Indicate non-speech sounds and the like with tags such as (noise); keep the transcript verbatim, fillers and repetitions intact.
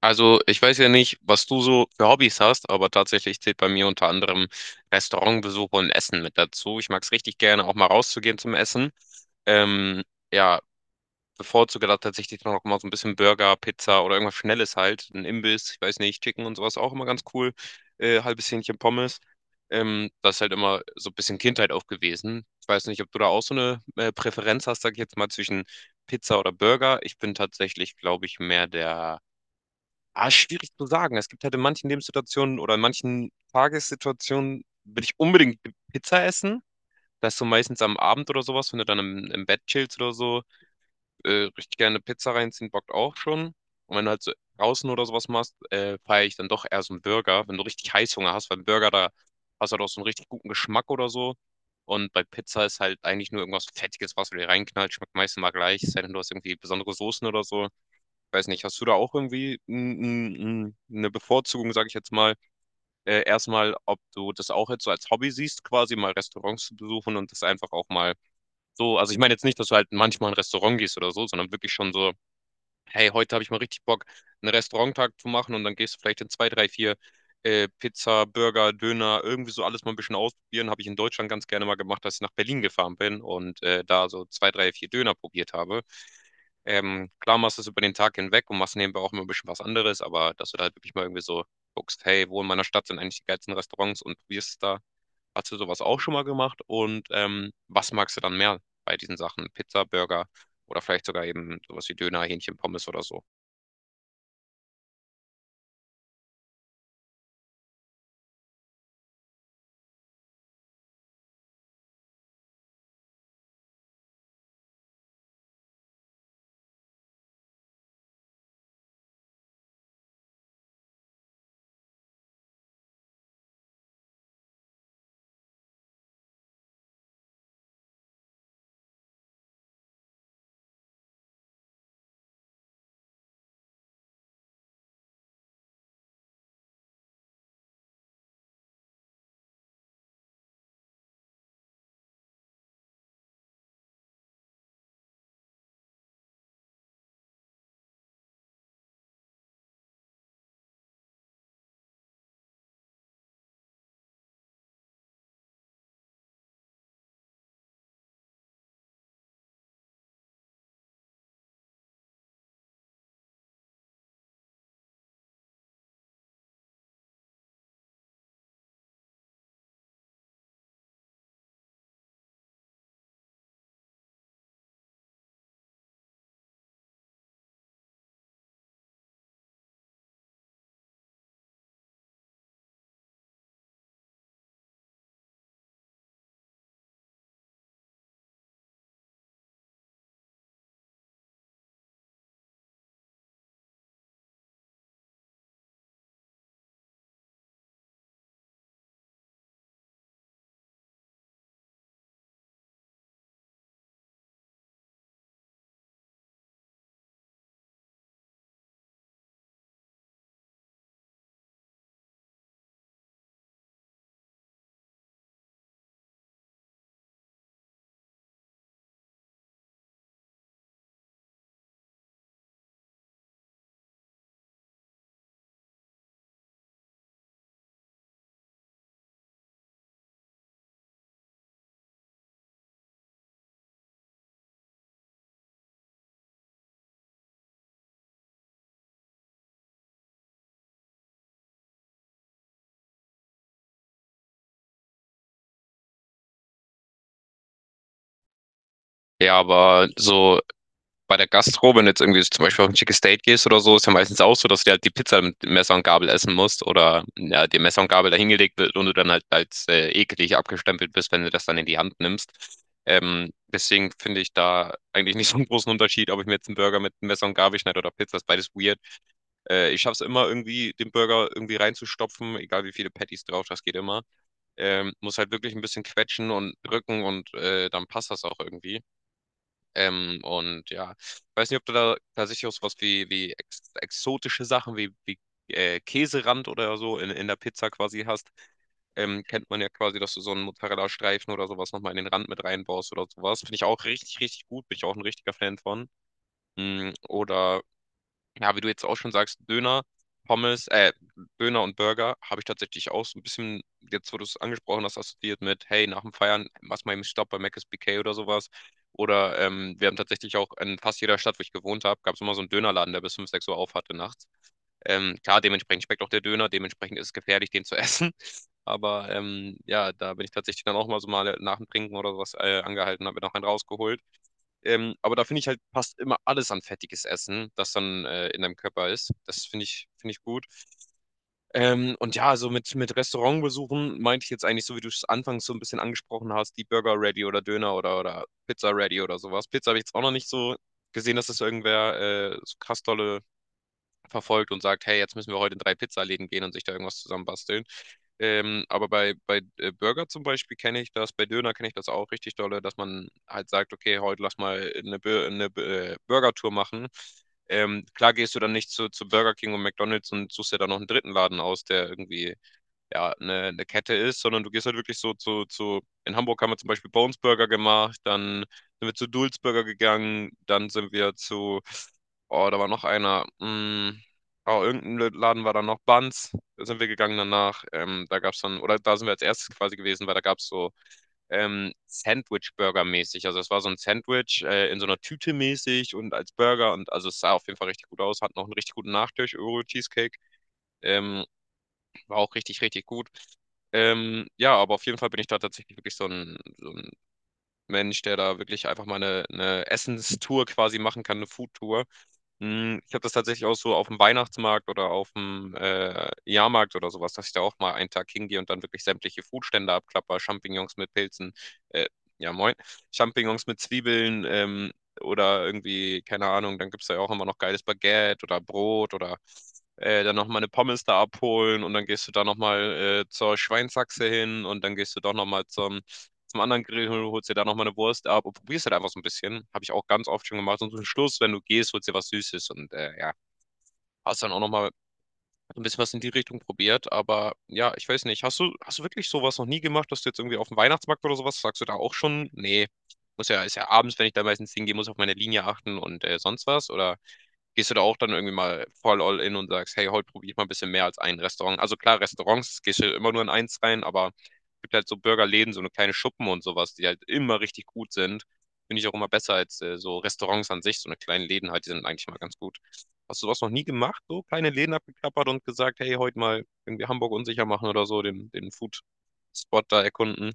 Also, ich weiß ja nicht, was du so für Hobbys hast, aber tatsächlich zählt bei mir unter anderem Restaurantbesuche und Essen mit dazu. Ich mag es richtig gerne, auch mal rauszugehen zum Essen. Ähm, ja, bevorzuge da tatsächlich dann noch mal so ein bisschen Burger, Pizza oder irgendwas Schnelles halt. Ein Imbiss, ich weiß nicht, Chicken und sowas auch immer ganz cool. Äh, halbes Hähnchen Pommes. Ähm, das ist halt immer so ein bisschen Kindheit auch gewesen. Ich weiß nicht, ob du da auch so eine äh, Präferenz hast, sag ich jetzt mal, zwischen Pizza oder Burger. Ich bin tatsächlich, glaube ich, mehr der. Ah, schwierig zu sagen. Es gibt halt in manchen Lebenssituationen oder in manchen Tagessituationen will ich unbedingt Pizza essen. Das ist so meistens am Abend oder sowas, wenn du dann im, im Bett chillst oder so, äh, richtig gerne Pizza reinziehen, bockt auch schon. Und wenn du halt so draußen oder sowas machst, äh, feiere ich dann doch eher so einen Burger, wenn du richtig Heißhunger hast, weil ein Burger, da hast du halt auch so einen richtig guten Geschmack oder so. Und bei Pizza ist halt eigentlich nur irgendwas Fettiges, was du dir reinknallst, schmeckt meistens mal gleich, es sei denn, du hast irgendwie besondere Soßen oder so. Weiß nicht, hast du da auch irgendwie n- n- n- eine Bevorzugung, sage ich jetzt mal, äh, erstmal, ob du das auch jetzt so als Hobby siehst, quasi mal Restaurants zu besuchen und das einfach auch mal so, also ich meine jetzt nicht, dass du halt manchmal in ein Restaurant gehst oder so, sondern wirklich schon so hey, heute habe ich mal richtig Bock, einen Restauranttag zu machen und dann gehst du vielleicht in zwei, drei, vier äh, Pizza, Burger, Döner, irgendwie so alles mal ein bisschen ausprobieren. Habe ich in Deutschland ganz gerne mal gemacht, als ich nach Berlin gefahren bin und äh, da so zwei, drei, vier Döner probiert habe. Ähm, klar machst du es über den Tag hinweg und machst nebenbei auch immer ein bisschen was anderes, aber dass du da halt wirklich mal irgendwie so guckst, hey, wo in meiner Stadt sind eigentlich die geilsten Restaurants und probierst es da. Hast du sowas auch schon mal gemacht? Und ähm, was magst du dann mehr bei diesen Sachen? Pizza, Burger oder vielleicht sogar eben sowas wie Döner, Hähnchen, Pommes oder so. Ja, aber so bei der Gastro, wenn du jetzt irgendwie zum Beispiel auf ein Chicken Steak gehst oder so, ist ja meistens auch so, dass du dir halt die Pizza mit Messer und Gabel essen musst oder ja, dir Messer und Gabel dahingelegt wird und du dann halt als äh, eklig abgestempelt bist, wenn du das dann in die Hand nimmst. Ähm, deswegen finde ich da eigentlich nicht so einen großen Unterschied, ob ich mir jetzt einen Burger mit Messer und Gabel schneide oder Pizza, ist beides weird. Äh, ich schaffe es immer irgendwie, den Burger irgendwie reinzustopfen, egal wie viele Patties drauf, das geht immer. Ähm, muss halt wirklich ein bisschen quetschen und drücken und äh, dann passt das auch irgendwie. Ähm, und ja, ich weiß nicht, ob du da tatsächlich auch sowas wie, wie ex exotische Sachen wie, wie äh, Käserand oder so in, in der Pizza quasi hast. Ähm, kennt man ja quasi, dass du so einen Mozzarella-Streifen oder sowas nochmal in den Rand mit reinbaust oder sowas. Finde ich auch richtig, richtig gut. Bin ich auch ein richtiger Fan von. Mm, oder ja, wie du jetzt auch schon sagst, Döner, Pommes, äh, Döner und Burger habe ich tatsächlich auch so ein bisschen, jetzt wo du es angesprochen hast, assoziiert mit, hey, nach dem Feiern, mach mal eben einen Stopp bei Mc's B K oder sowas. Oder ähm, wir haben tatsächlich auch in fast jeder Stadt, wo ich gewohnt habe, gab es immer so einen Dönerladen, der bis fünf sechs Uhr auf hatte nachts. Ähm, klar, dementsprechend schmeckt auch der Döner, dementsprechend ist es gefährlich, den zu essen. (laughs) Aber ähm, ja, da bin ich tatsächlich dann auch mal so mal nach dem Trinken oder sowas äh, angehalten, habe mir noch einen rausgeholt. Ähm, aber da finde ich halt, passt immer alles an fettiges Essen, das dann äh, in deinem Körper ist. Das finde ich, finde ich gut. Ähm, und ja, so mit, mit Restaurantbesuchen meinte ich jetzt eigentlich so, wie du es anfangs so ein bisschen angesprochen hast, die Burger Ready oder Döner oder, oder Pizza Ready oder sowas. Pizza habe ich jetzt auch noch nicht so gesehen, dass das irgendwer äh, so krass tolle verfolgt und sagt, hey, jetzt müssen wir heute in drei Pizzaläden gehen und sich da irgendwas zusammenbasteln. Ähm, aber bei, bei äh, Burger zum Beispiel kenne ich das, bei Döner kenne ich das auch richtig dolle, dass man halt sagt, okay, heute lass mal eine, Bu- eine Bu- äh, Burger-Tour machen. Ähm, klar gehst du dann nicht zu, zu Burger King und McDonald's und suchst dir dann noch einen dritten Laden aus, der irgendwie ja, eine, eine Kette ist, sondern du gehst halt wirklich so zu, zu, in Hamburg haben wir zum Beispiel Bones Burger gemacht, dann sind wir zu Dulz Burger gegangen, dann sind wir zu, oh, da war noch einer, mm, oh, irgendein Laden war dann noch Buns, da sind wir gegangen danach, ähm, da gab es dann, oder da sind wir als erstes quasi gewesen, weil da gab es so ähm, Sandwich-Burger mäßig, also es war so ein Sandwich äh, in so einer Tüte mäßig und als Burger und also es sah auf jeden Fall richtig gut aus, hat noch einen richtig guten Nachtisch, Oreo Cheesecake, ähm, war auch richtig, richtig gut. Ähm, ja, aber auf jeden Fall bin ich da tatsächlich wirklich so ein, so ein Mensch, der da wirklich einfach mal eine, eine Essenstour quasi machen kann, eine Foodtour. Hm, ich habe das tatsächlich auch so auf dem Weihnachtsmarkt oder auf'm, äh, Jahrmarkt oder sowas, dass ich da auch mal einen Tag hingehe und dann wirklich sämtliche Foodstände abklappere, Champignons mit Pilzen, äh, ja moin, Champignons mit Zwiebeln, ähm, oder irgendwie, keine Ahnung, dann gibt's da ja auch immer noch geiles Baguette oder Brot oder, äh, dann noch mal 'ne Pommes da abholen und dann gehst du da noch mal, äh, zur Schweinshaxe hin und dann gehst du doch noch mal zum zum anderen Grill, holst dir da nochmal eine Wurst ab und probierst halt einfach so ein bisschen. Habe ich auch ganz oft schon gemacht. Und zum Schluss, wenn du gehst, holst dir was Süßes und äh, ja, hast dann auch nochmal ein bisschen was in die Richtung probiert. Aber ja, ich weiß nicht, hast du, hast du wirklich sowas noch nie gemacht, dass du jetzt irgendwie auf dem Weihnachtsmarkt oder sowas, sagst du da auch schon, nee, muss ja, ist ja abends, wenn ich da meistens hingehe, muss auf meine Linie achten und äh, sonst was? Oder gehst du da auch dann irgendwie mal voll all in und sagst, hey, heute probiere ich mal ein bisschen mehr als ein Restaurant? Also klar, Restaurants gehst du immer nur in eins rein, aber es gibt halt so Burgerläden, so eine kleine Schuppen und sowas, die halt immer richtig gut sind. Finde ich auch immer besser als äh, so Restaurants an sich, so eine kleine Läden halt, die sind eigentlich mal ganz gut. Hast du sowas noch nie gemacht, so kleine Läden abgeklappert und gesagt, hey, heute mal irgendwie Hamburg unsicher machen oder so, den, den Food-Spot da erkunden?